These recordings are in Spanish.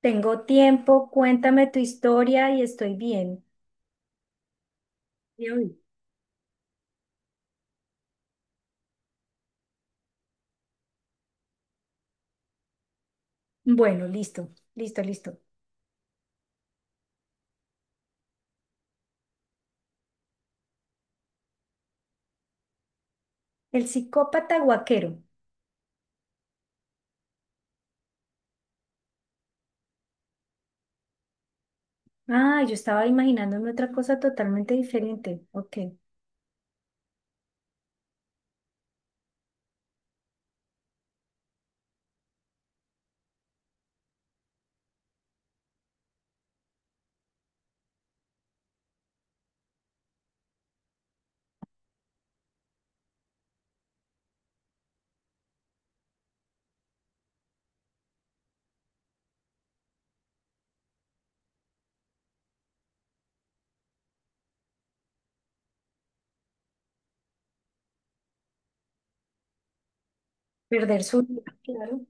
Tengo tiempo, cuéntame tu historia y estoy bien. Y hoy, bueno, listo, listo, listo. El psicópata guaquero. Ah, yo estaba imaginándome otra cosa totalmente diferente. Ok. Perder su vida, claro.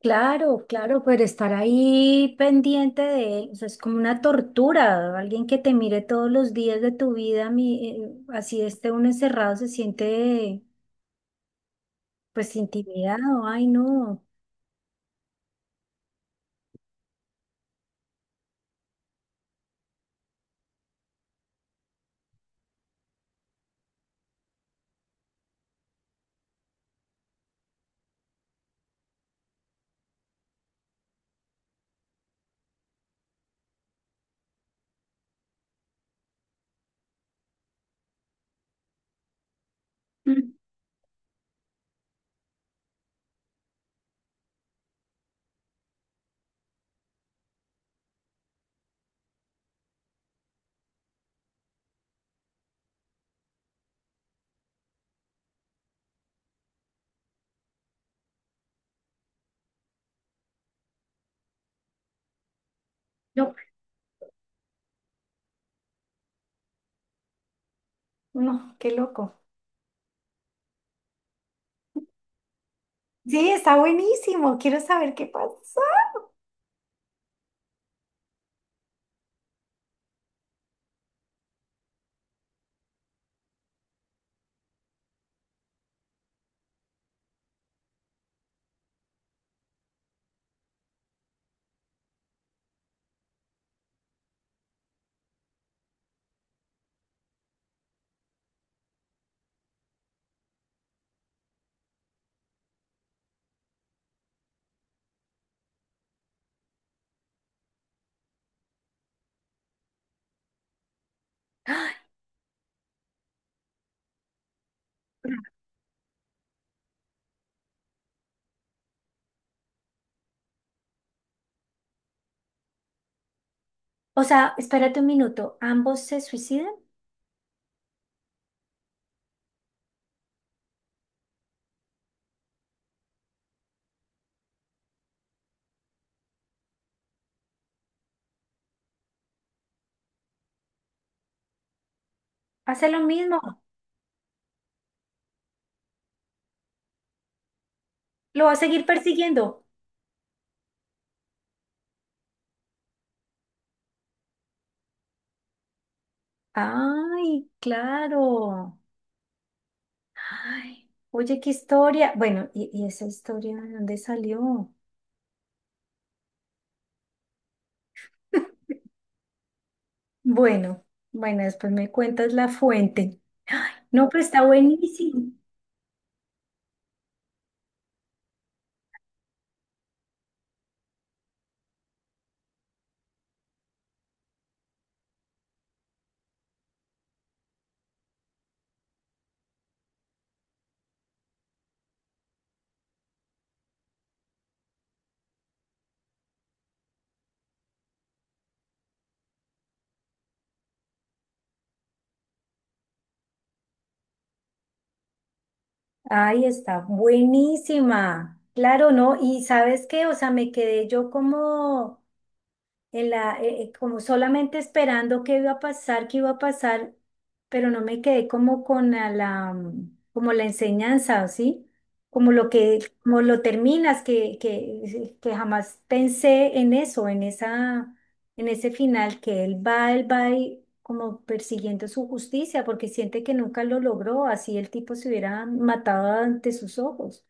Claro, claro, pero estar ahí pendiente de él, o sea, es como una tortura. Alguien que te mire todos los días de tu vida, así esté uno encerrado, se siente pues intimidado. Ay, no. Mm. No, no, qué loco. Sí, está buenísimo. Quiero saber qué pasa. O sea, espérate un minuto, ¿ambos se suicidan? Hace lo mismo, lo va a seguir persiguiendo. Ay, claro. Ay, oye, qué historia. Bueno, y esa historia de dónde salió? Bueno, bueno, después me cuentas la fuente. Ay, no, pero está buenísimo. Ay, está buenísima. Claro, ¿no? Y sabes qué, o sea, me quedé yo como en la, como solamente esperando qué iba a pasar, qué iba a pasar, pero no me quedé como con a la, como la enseñanza, ¿sí? Como lo que, como lo terminas, que jamás pensé en eso, en esa, en ese final, que él va y como persiguiendo su justicia, porque siente que nunca lo logró, así el tipo se hubiera matado ante sus ojos.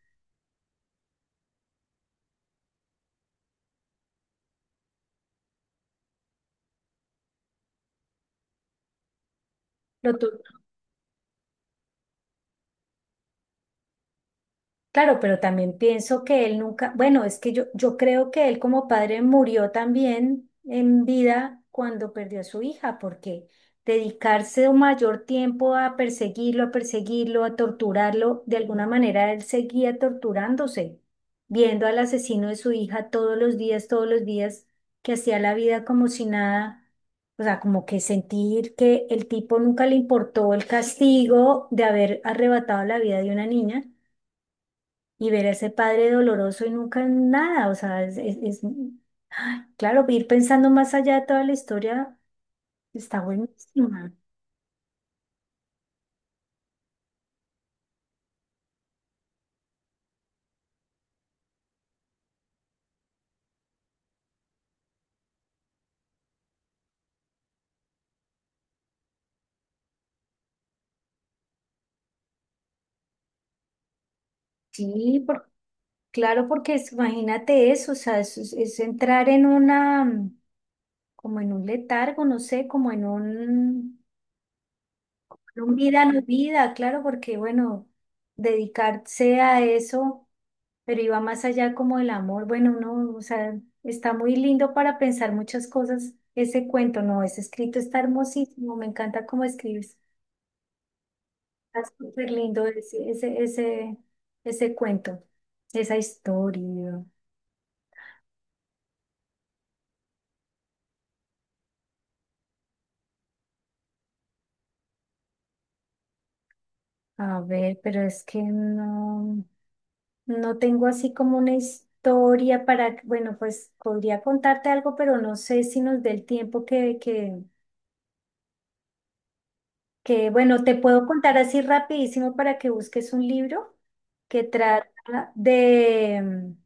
Lo claro, pero también pienso que él nunca, bueno, es que yo creo que él como padre murió también en vida cuando perdió a su hija, porque dedicarse un mayor tiempo a perseguirlo, a perseguirlo, a torturarlo, de alguna manera él seguía torturándose, viendo al asesino de su hija todos los días, que hacía la vida como si nada, o sea, como que sentir que el tipo nunca le importó el castigo de haber arrebatado la vida de una niña y ver a ese padre doloroso y nunca nada, o sea, claro, ir pensando más allá de toda la historia está buenísima. Sí, por- claro, porque imagínate eso, o sea, es entrar en una, como en un letargo, no sé, como en un vida no vida, claro, porque bueno, dedicarse a eso. Pero iba más allá como el amor. Bueno, no, o sea, está muy lindo para pensar muchas cosas ese cuento, no, ese escrito está hermosísimo, me encanta cómo escribes. Está súper lindo ese cuento, esa historia. A ver, pero es que no, no tengo así como una historia para, bueno, pues podría contarte algo, pero no sé si nos dé el tiempo que bueno, te puedo contar así rapidísimo para que busques un libro que trata de,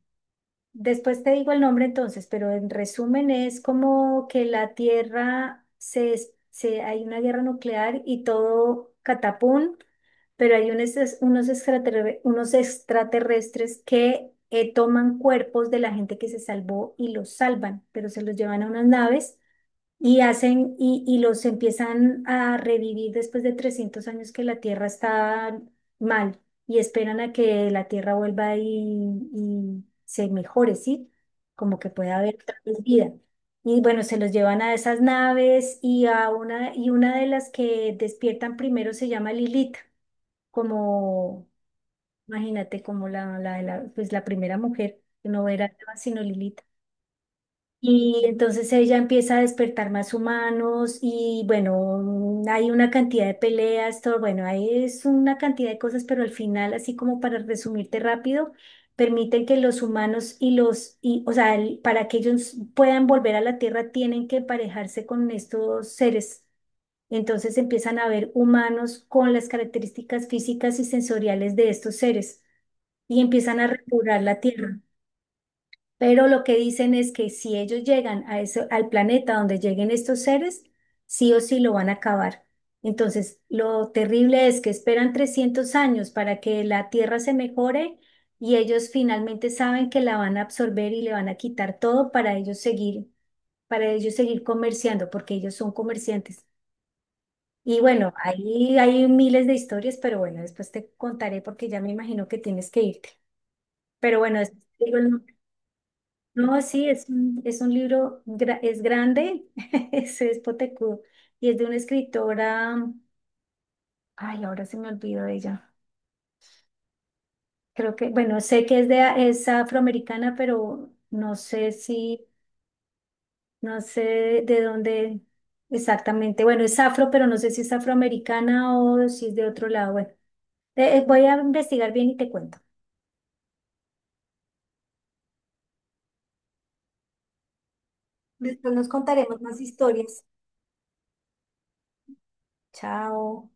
después te digo el nombre entonces, pero en resumen es como que la Tierra se hay una guerra nuclear y todo catapum, pero hay unos, unos extraterrestres que toman cuerpos de la gente que se salvó y los salvan, pero se los llevan a unas naves. Y hacen, y los empiezan a revivir después de 300 años que la Tierra está mal y esperan a que la Tierra vuelva y se mejore, ¿sí? Como que pueda haber otra vez vida. Y bueno, se los llevan a esas naves y a una, y una de las que despiertan primero se llama Lilith, como, imagínate, como pues la primera mujer, no era Eva, sino Lilith. Y entonces ella empieza a despertar más humanos y bueno, hay una cantidad de peleas, todo, bueno, ahí es una cantidad de cosas, pero al final, así como para resumirte rápido, permiten que los humanos y los, y, o sea, para que ellos puedan volver a la Tierra tienen que emparejarse con estos seres. Entonces empiezan a ver humanos con las características físicas y sensoriales de estos seres y empiezan a repoblar la Tierra. Pero lo que dicen es que si ellos llegan a ese, al planeta donde lleguen estos seres, sí o sí lo van a acabar. Entonces, lo terrible es que esperan 300 años para que la Tierra se mejore y ellos finalmente saben que la van a absorber y le van a quitar todo para ellos seguir comerciando, porque ellos son comerciantes. Y bueno, ahí hay miles de historias, pero bueno, después te contaré porque ya me imagino que tienes que irte. Pero bueno, después te digo el nombre. No, sí, es un libro, es grande, es potecudo y es de una escritora, ay, ahora se me olvidó de ella. Creo que, bueno, sé que es de, es afroamericana, pero no sé si, no sé de dónde exactamente. Bueno, es afro, pero no sé si es afroamericana o si es de otro lado. Bueno, voy a investigar bien y te cuento. Después nos contaremos más historias. Chao.